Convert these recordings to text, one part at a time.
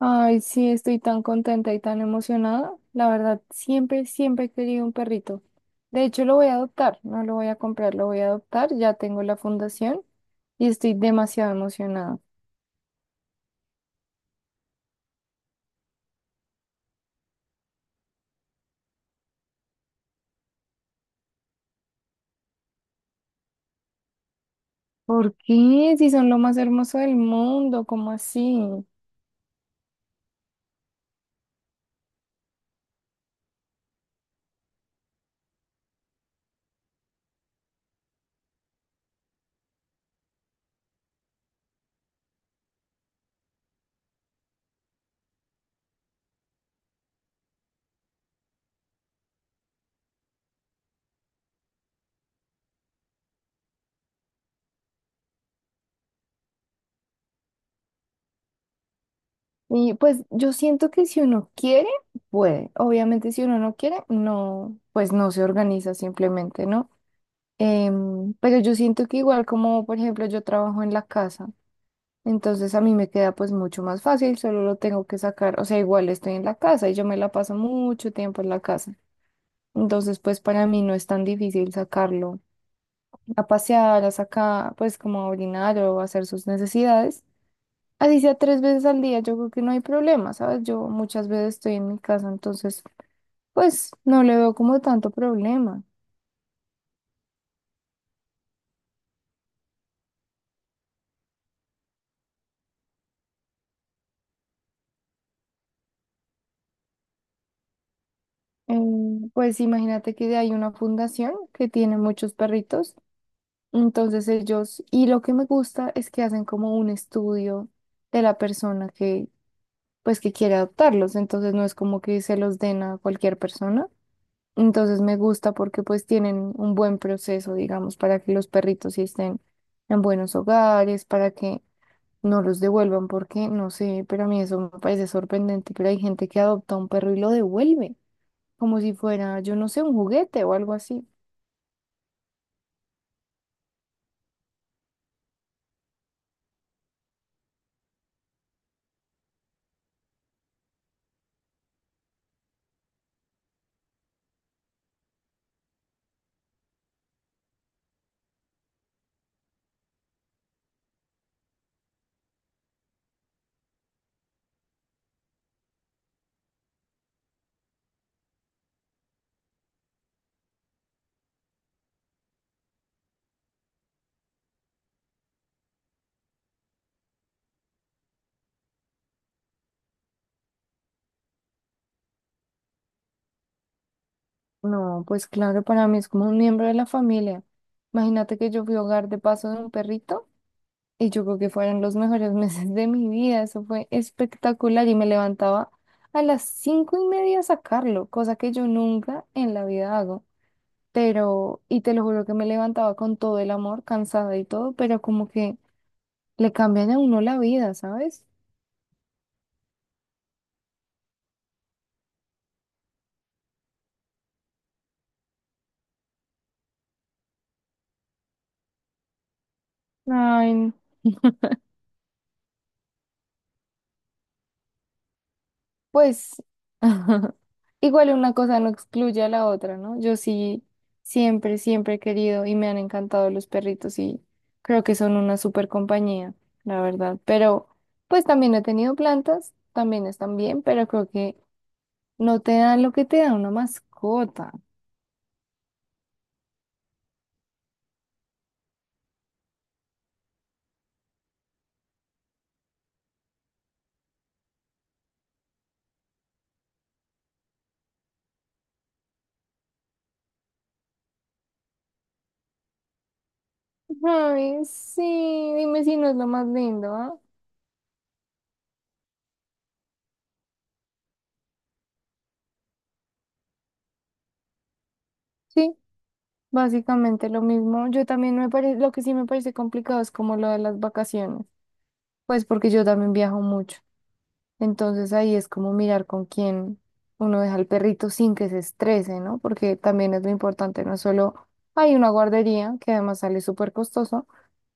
Ay, sí, estoy tan contenta y tan emocionada. La verdad, siempre, siempre he querido un perrito. De hecho, lo voy a adoptar, no lo voy a comprar, lo voy a adoptar. Ya tengo la fundación y estoy demasiado emocionada. ¿Por qué? Si son lo más hermoso del mundo, ¿cómo así? Y pues yo siento que si uno quiere, puede. Obviamente, si uno no quiere, no, pues no se organiza simplemente, ¿no? Pero yo siento que igual como, por ejemplo, yo trabajo en la casa. Entonces a mí me queda pues mucho más fácil, solo lo tengo que sacar, o sea, igual estoy en la casa y yo me la paso mucho tiempo en la casa. Entonces pues para mí no es tan difícil sacarlo a pasear, a sacar, pues como a orinar o a hacer sus necesidades. Así sea tres veces al día, yo creo que no hay problema, ¿sabes? Yo muchas veces estoy en mi casa, entonces pues no le veo como tanto problema. Eh, pues imagínate que hay una fundación que tiene muchos perritos. Entonces ellos, y lo que me gusta es que hacen como un estudio de la persona que, pues, que quiere adoptarlos. Entonces no es como que se los den a cualquier persona. Entonces me gusta porque pues tienen un buen proceso, digamos, para que los perritos sí estén en buenos hogares, para que no los devuelvan, porque no sé, pero a mí eso me parece sorprendente, pero hay gente que adopta un perro y lo devuelve, como si fuera, yo no sé, un juguete o algo así. No, pues claro, para mí es como un miembro de la familia. Imagínate que yo fui hogar de paso de un perrito y yo creo que fueron los mejores meses de mi vida. Eso fue espectacular y me levantaba a las 5:30 a sacarlo, cosa que yo nunca en la vida hago. Pero, y te lo juro que me levantaba con todo el amor, cansada y todo, pero como que le cambian a uno la vida, ¿sabes? Ay, pues igual una cosa no excluye a la otra, ¿no? Yo sí, siempre, siempre he querido y me han encantado los perritos y creo que son una súper compañía, la verdad. Pero pues también he tenido plantas, también están bien, pero creo que no te dan lo que te da una mascota. Ay, sí, dime si no es lo más lindo, ¿ah? Sí, básicamente lo mismo. Yo también me parece, lo que sí me parece complicado es como lo de las vacaciones, pues porque yo también viajo mucho. Entonces ahí es como mirar con quién uno deja al perrito sin que se estrese, ¿no? Porque también es lo importante, no es solo hay una guardería, que además sale súper costoso,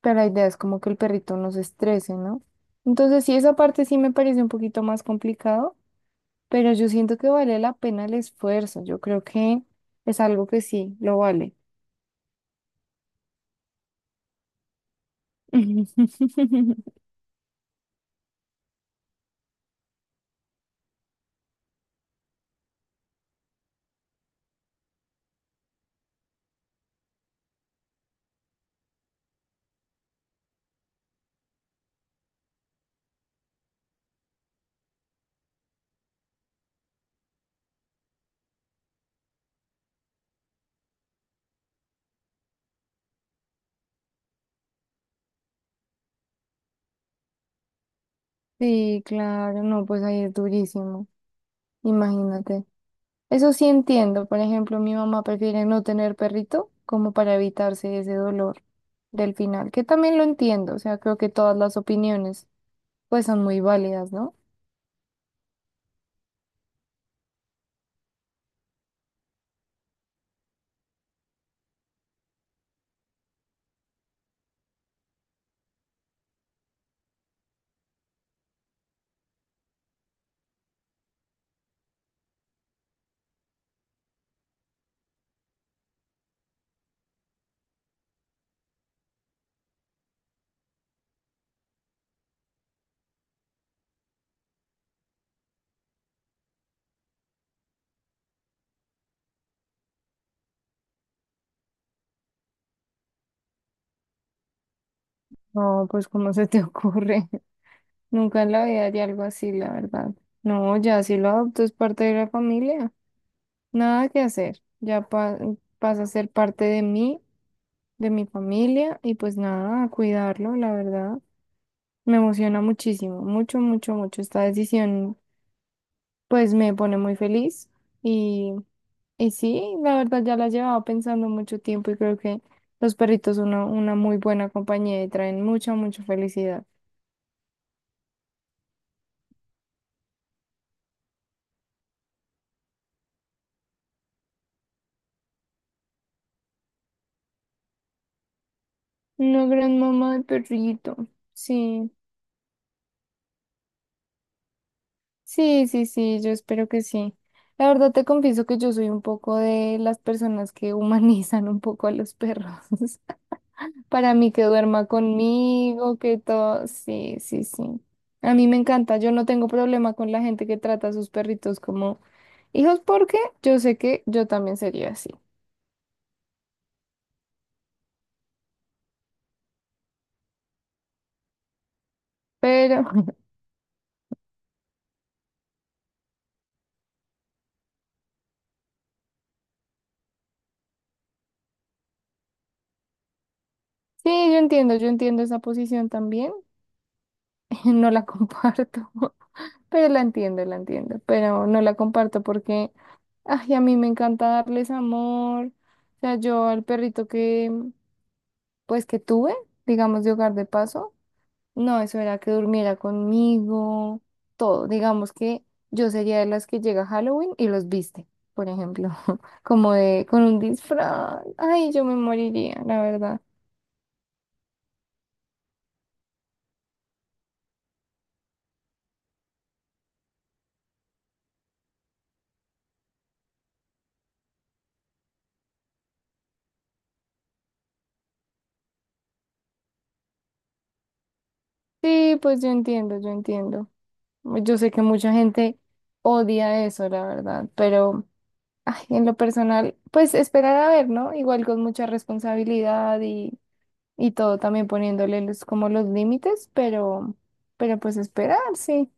pero la idea es como que el perrito no se estrese, ¿no? Entonces sí, esa parte sí me parece un poquito más complicado, pero yo siento que vale la pena el esfuerzo, yo creo que es algo que sí, lo vale. Sí, claro, no, pues ahí es durísimo, imagínate. Eso sí entiendo. Por ejemplo, mi mamá prefiere no tener perrito como para evitarse ese dolor del final, que también lo entiendo. O sea, creo que todas las opiniones pues son muy válidas, ¿no? No, pues ¿cómo se te ocurre? Nunca en la vida haría algo así, la verdad. No, ya si lo adopto es parte de la familia. Nada que hacer. Ya pasa a ser parte de mí, de mi familia y pues nada, a cuidarlo, la verdad. Me emociona muchísimo, mucho, mucho, mucho esta decisión. Pues me pone muy feliz y, y sí, la verdad ya la llevaba pensando mucho tiempo y creo que los perritos son una muy buena compañía y traen mucha, mucha felicidad. Una gran mamá de perrito. Sí, sí, sí, sí, yo espero que sí. La verdad te confieso que yo soy un poco de las personas que humanizan un poco a los perros. Para mí que duerma conmigo, que todo. Sí, sí, sí. A mí me encanta. Yo no tengo problema con la gente que trata a sus perritos como hijos porque yo sé que yo también sería así. Pero sí, yo entiendo esa posición también. No la comparto, pero la entiendo, la entiendo. Pero no la comparto porque, ay, a mí me encanta darles amor. O sea, yo al perrito que, pues, que tuve, digamos, de hogar de paso. No, eso era que durmiera conmigo, todo. Digamos que yo sería de las que llega a Halloween y los viste, por ejemplo, como de con un disfraz. Ay, yo me moriría, la verdad. Sí, pues yo entiendo, yo entiendo. Yo sé que mucha gente odia eso, la verdad, pero ay, en lo personal, pues esperar a ver, ¿no? Igual con mucha responsabilidad y todo, también poniéndole los, como los límites, pero pues esperar, sí.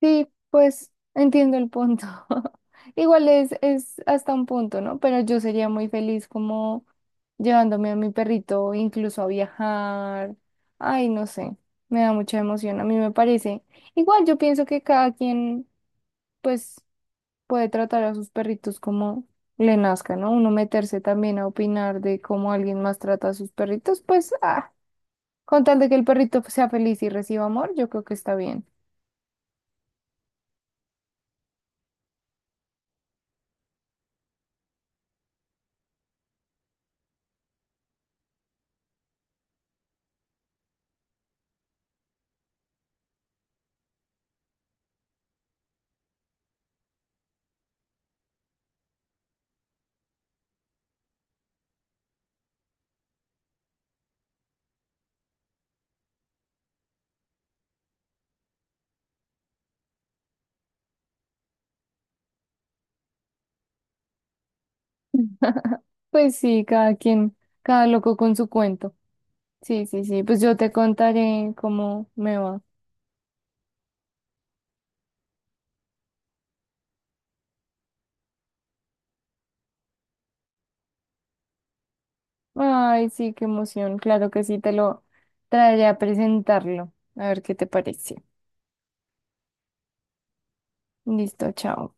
Sí, pues entiendo el punto. Igual es hasta un punto, ¿no? Pero yo sería muy feliz como llevándome a mi perrito incluso a viajar. Ay, no sé, me da mucha emoción, a mí me parece. Igual yo pienso que cada quien pues puede tratar a sus perritos como le nazca, ¿no? Uno meterse también a opinar de cómo alguien más trata a sus perritos, pues ah, con tal de que el perrito sea feliz y reciba amor, yo creo que está bien. Pues sí, cada quien, cada loco con su cuento. Sí, sí, sí, pues yo te contaré cómo me va. Ay, sí, qué emoción. Claro que sí, te lo traeré a presentarlo. A ver qué te parece. Listo, chao.